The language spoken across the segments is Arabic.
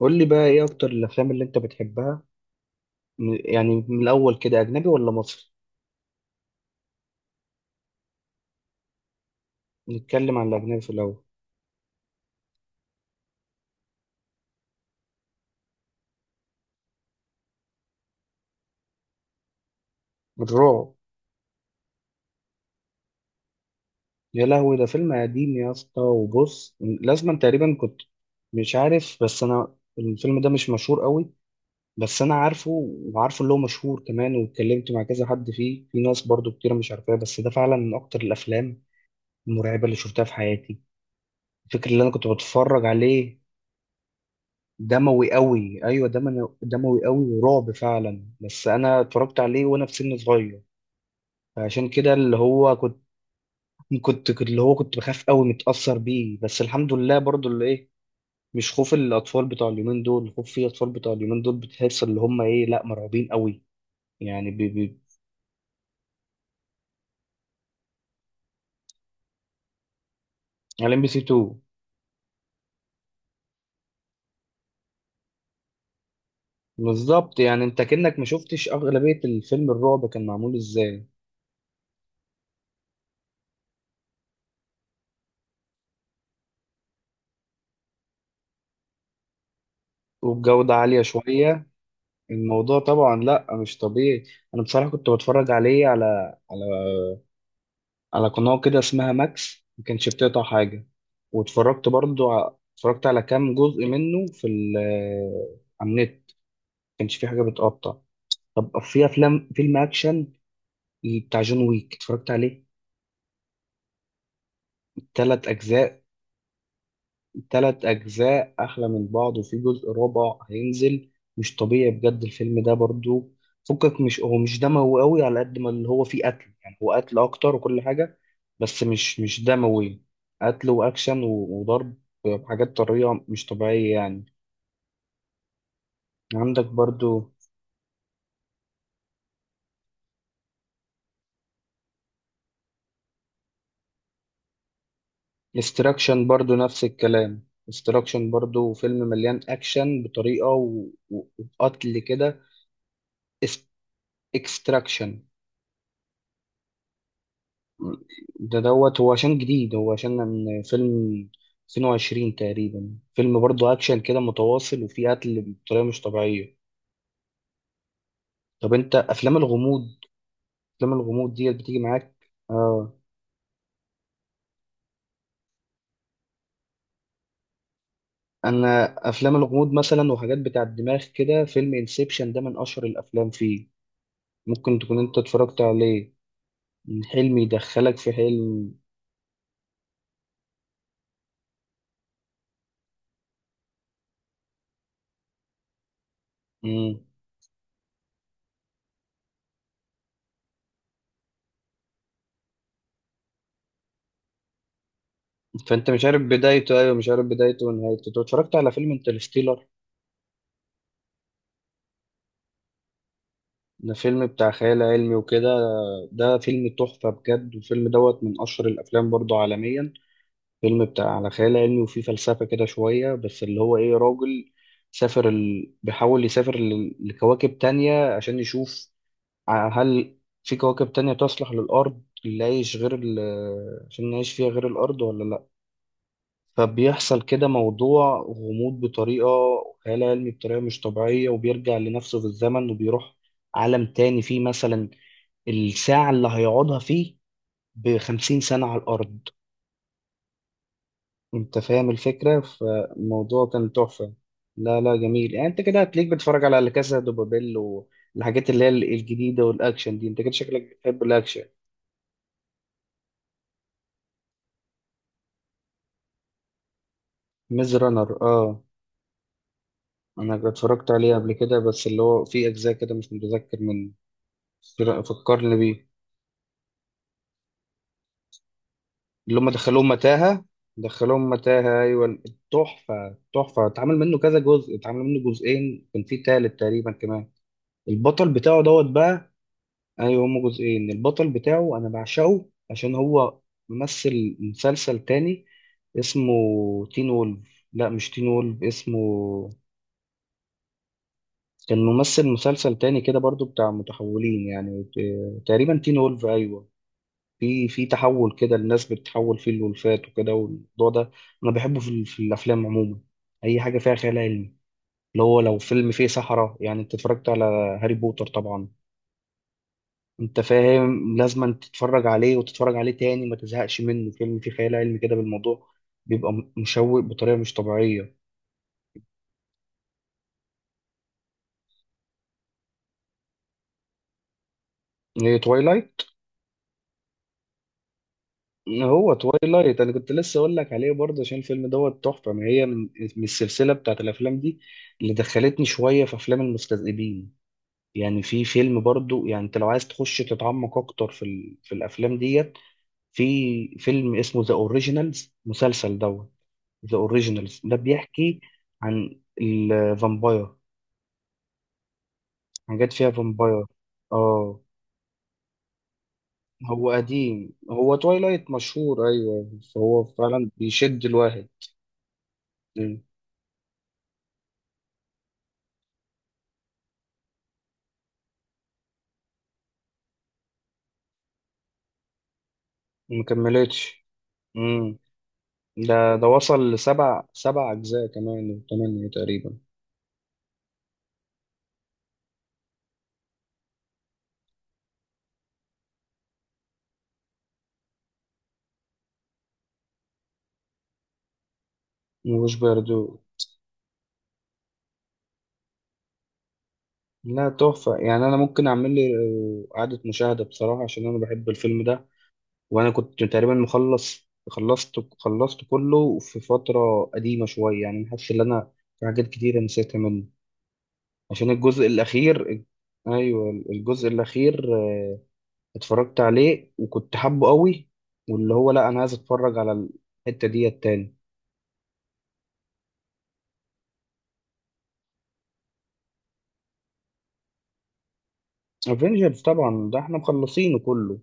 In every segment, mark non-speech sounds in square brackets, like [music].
قول لي بقى ايه اكتر الافلام اللي انت بتحبها؟ يعني من الاول كده اجنبي ولا مصري؟ نتكلم عن الاجنبي في الاول. الرعب؟ يا لهوي ده فيلم قديم يا اسطى، وبص لازما تقريبا كنت مش عارف، بس انا الفيلم ده مش مشهور قوي، بس انا عارفه، وعارفه اللي هو مشهور كمان، واتكلمت مع كذا حد فيه، في ناس برضو كتير مش عارفاه، بس ده فعلا من اكتر الافلام المرعبه اللي شفتها في حياتي. فكرة اللي انا كنت بتفرج عليه، دموي قوي، ايوه دموي قوي ورعب فعلا، بس انا اتفرجت عليه وانا في سن صغير. فعشان كده اللي هو اللي هو كنت بخاف قوي، متأثر بيه، بس الحمد لله برضو اللي ايه، مش خوف الاطفال بتوع اليومين دول. خوف في اطفال بتوع اليومين دول بتحس اللي هم ايه، لا مرعوبين قوي. يعني بي بي على ام بي سي 2. بالظبط، يعني انت كأنك ما شفتش اغلبية الفيلم الرعب كان معمول ازاي. والجودة عالية شوية. الموضوع طبعا لا، مش طبيعي. انا بصراحة كنت بتفرج عليه على على قناة كده اسمها ماكس، ما كانش بتقطع حاجة. واتفرجت برضو اتفرجت على كام جزء منه في ال آه، على النت، ما كانش في حاجة بتقطع. طب في أفلام، فيلم أكشن بتاع جون ويك اتفرجت عليه. تلات أجزاء، تلات أجزاء أحلى من بعض، وفي جزء رابع هينزل. مش طبيعي بجد الفيلم ده برضو. فكك، مش هو مش دموي قوي، على قد ما اللي هو فيه قتل، يعني هو قتل أكتر وكل حاجة، بس مش دموي. قتل وأكشن و- وضرب بحاجات طرية مش طبيعية يعني. عندك برضو استراكشن، برضو نفس الكلام، استراكشن برضو فيلم مليان أكشن بطريقة وقتل كده. اكستراكشن ده دوت، هو عشان جديد، هو عشان من فيلم 22 تقريبا، فيلم برضه أكشن كده متواصل، وفيه قتل بطريقة مش طبيعية. طب أنت أفلام الغموض، أفلام الغموض ديت بتيجي معاك؟ آه. أنا أفلام الغموض مثلا وحاجات بتاع الدماغ كده، فيلم انسبشن ده من أشهر الأفلام فيه. ممكن تكون أنت اتفرجت عليه. حلم يدخلك في حلم. مم. فأنت مش عارف بدايته، أيوه مش عارف بدايته ونهايته. طب اتفرجت على فيلم انترستيلر؟ ده فيلم بتاع خيال علمي وكده. ده فيلم تحفة بجد، والفيلم دوت من أشهر الأفلام برضو عالميا. فيلم بتاع على خيال علمي، وفيه فلسفة كده شوية، بس اللي هو إيه، راجل سافر ال... بيحاول يسافر ل... لكواكب تانية عشان يشوف هل في كواكب تانية تصلح للأرض اللي عايش غير ال... عشان نعيش فيها غير الأرض ولا لأ. فبيحصل كده موضوع غموض بطريقة خيال علمي بطريقة مش طبيعية، وبيرجع لنفسه في الزمن، وبيروح عالم تاني فيه مثلا الساعة اللي هيقعدها فيه بخمسين سنة على الأرض. أنت فاهم الفكرة، فالموضوع كان تحفة. لا لا، جميل. يعني أنت كده هتلاقيك بتتفرج على لا كاسا دو بابيل والحاجات اللي هي الجديدة والأكشن دي، أنت كده شكلك بتحب الأكشن. ميز رانر، أه. أنا اتفرجت عليه قبل كده، بس اللي هو في أجزاء كده مش متذكر من. فكرني بيه. اللي هم دخلوهم متاهة. دخلوهم متاهة أيوة. تحفة، تحفة. اتعمل منه كذا جزء، اتعمل منه جزئين، كان في تالت تقريبا كمان. البطل بتاعه دوت بقى. ايوه هما جزئين. البطل بتاعه انا بعشقه عشان هو ممثل مسلسل تاني اسمه تين وولف. لا، مش تين وولف اسمه، كان ممثل مسلسل تاني كده برضو بتاع متحولين، يعني تقريبا تين وولف، ايوه. في تحول كده، الناس بتتحول فيه الولفات وكده والموضوع ده. انا بحبه في، في الافلام عموما. اي حاجه فيها خيال علمي، اللي هو لو فيلم فيه سحرة. يعني انت اتفرجت على هاري بوتر طبعا. انت فاهم لازم تتفرج عليه وتتفرج عليه تاني، ما تزهقش منه. فيلم فيه خيال علمي كده بالموضوع بيبقى مشوق بطريقه مش طبيعيه. ايه، تويلايت؟ هو تويلايت انا كنت لسه اقول لك عليه برضه، عشان الفيلم دوت تحفه، ما هي من من السلسله بتاعت الافلام دي، اللي دخلتني شويه في افلام المستذئبين. يعني في فيلم برضه، يعني انت لو عايز تخش تتعمق اكتر في ال... في الافلام ديت، في فيلم اسمه ذا اوريجينالز، مسلسل دوت. ذا اوريجينالز ده بيحكي عن الفامباير، حاجات فيها فامباير. اه، هو قديم، هو تويلايت مشهور، ايوه، فهو فعلا بيشد الواحد. مم. مكملتش. مم. ده وصل لسبع، سبع اجزاء كمان وثمانية تقريبا. مش بيردو. لا تحفة، يعني أنا ممكن أعمل لي إعادة مشاهدة بصراحة، عشان أنا بحب الفيلم ده. وانا كنت تقريبا مخلص، خلصت كله في فترة قديمة شوية، يعني حاسس ان انا في حاجات كتيرة نسيتها منه. عشان الجزء الاخير. ايوه الجزء الاخير اتفرجت عليه وكنت حابه قوي، واللي هو لا انا عايز اتفرج على الحتة دي التاني. افنجرز طبعا، ده احنا مخلصينه كله.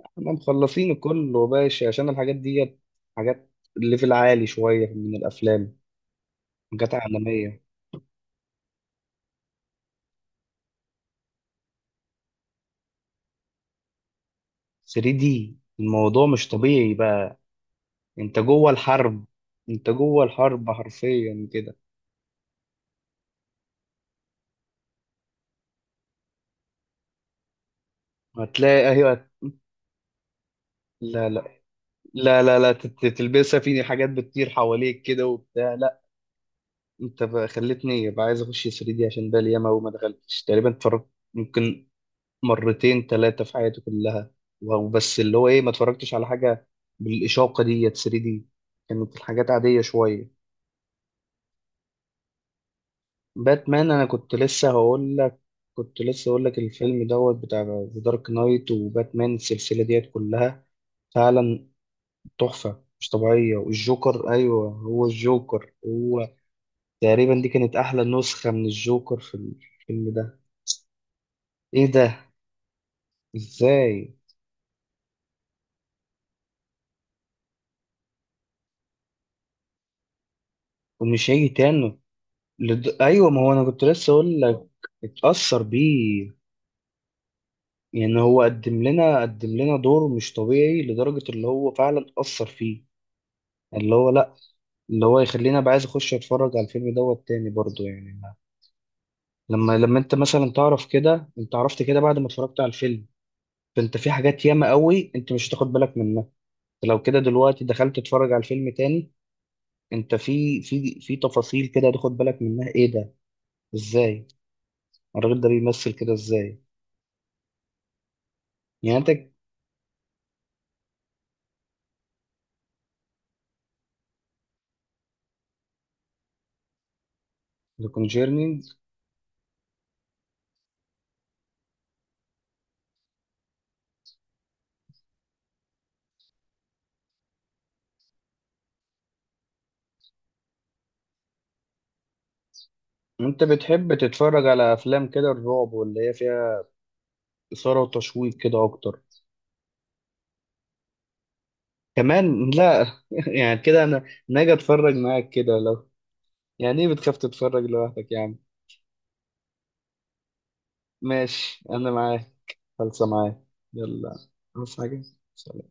احنا مخلصينه كله يا باشا، عشان الحاجات دي حاجات ليفل عالي شوية من الافلام، حاجات عالمية. 3 دي الموضوع مش طبيعي بقى. انت جوه الحرب، انت جوه الحرب حرفيا كده. هتلاقي ايوه، لا لا، لا لا لا، تلبسها في حاجات بتطير حواليك كده وبتاع، لا. انت بقى خلتني بقى عايز اخش 3 دي، عشان بقى ياما وما دخلتش، تقريبا اتفرجت ممكن مرتين ثلاثه في حياتي كلها وبس، اللي هو ايه ما اتفرجتش على حاجه بالاشاقه ديت 3 دي، كانت الحاجات عاديه شويه. باتمان، انا كنت لسه هقول لك، كنت لسه هقول لك الفيلم دوت بتاع ذا دارك نايت، وباتمان السلسله ديت كلها فعلا تحفه مش طبيعيه. والجوكر، ايوه هو الجوكر هو، تقريبا دي كانت احلى نسخه من الجوكر في الفيلم ده. ايه ده؟ ازاي؟ ومش هيجي تاني. لد... ايوه ما هو انا كنت لسه اقول لك اتأثر بيه. يعني هو قدم لنا دور مش طبيعي لدرجة اللي هو فعلا أثر فيه، اللي هو لا، اللي هو يخليني ابقى عايز اخش اتفرج على الفيلم دوت تاني برضو، يعني ما-، لما انت مثلا تعرف كده، انت عرفت كده بعد ما اتفرجت على الفيلم، فانت في حاجات ياما قوي انت مش هتاخد بالك منها. لو كده دلوقتي دخلت تتفرج على الفيلم تاني، انت في تفاصيل كده هتاخد بالك منها. ايه ده؟ ازاي؟ الراجل ده بيمثل كده ازاي؟ يعني انت، ذا كونجيرنينج، انت بتحب تتفرج على افلام كده الرعب واللي هي فيها اثاره وتشويق كده اكتر؟ كمان لا. [laughs] يعني كده انا ناجي اتفرج معاك كده لو، يعني ايه بتخاف تتفرج لوحدك يا عم؟ ماشي انا معاك، خلصة معاك. يلا، عاوز حاجة؟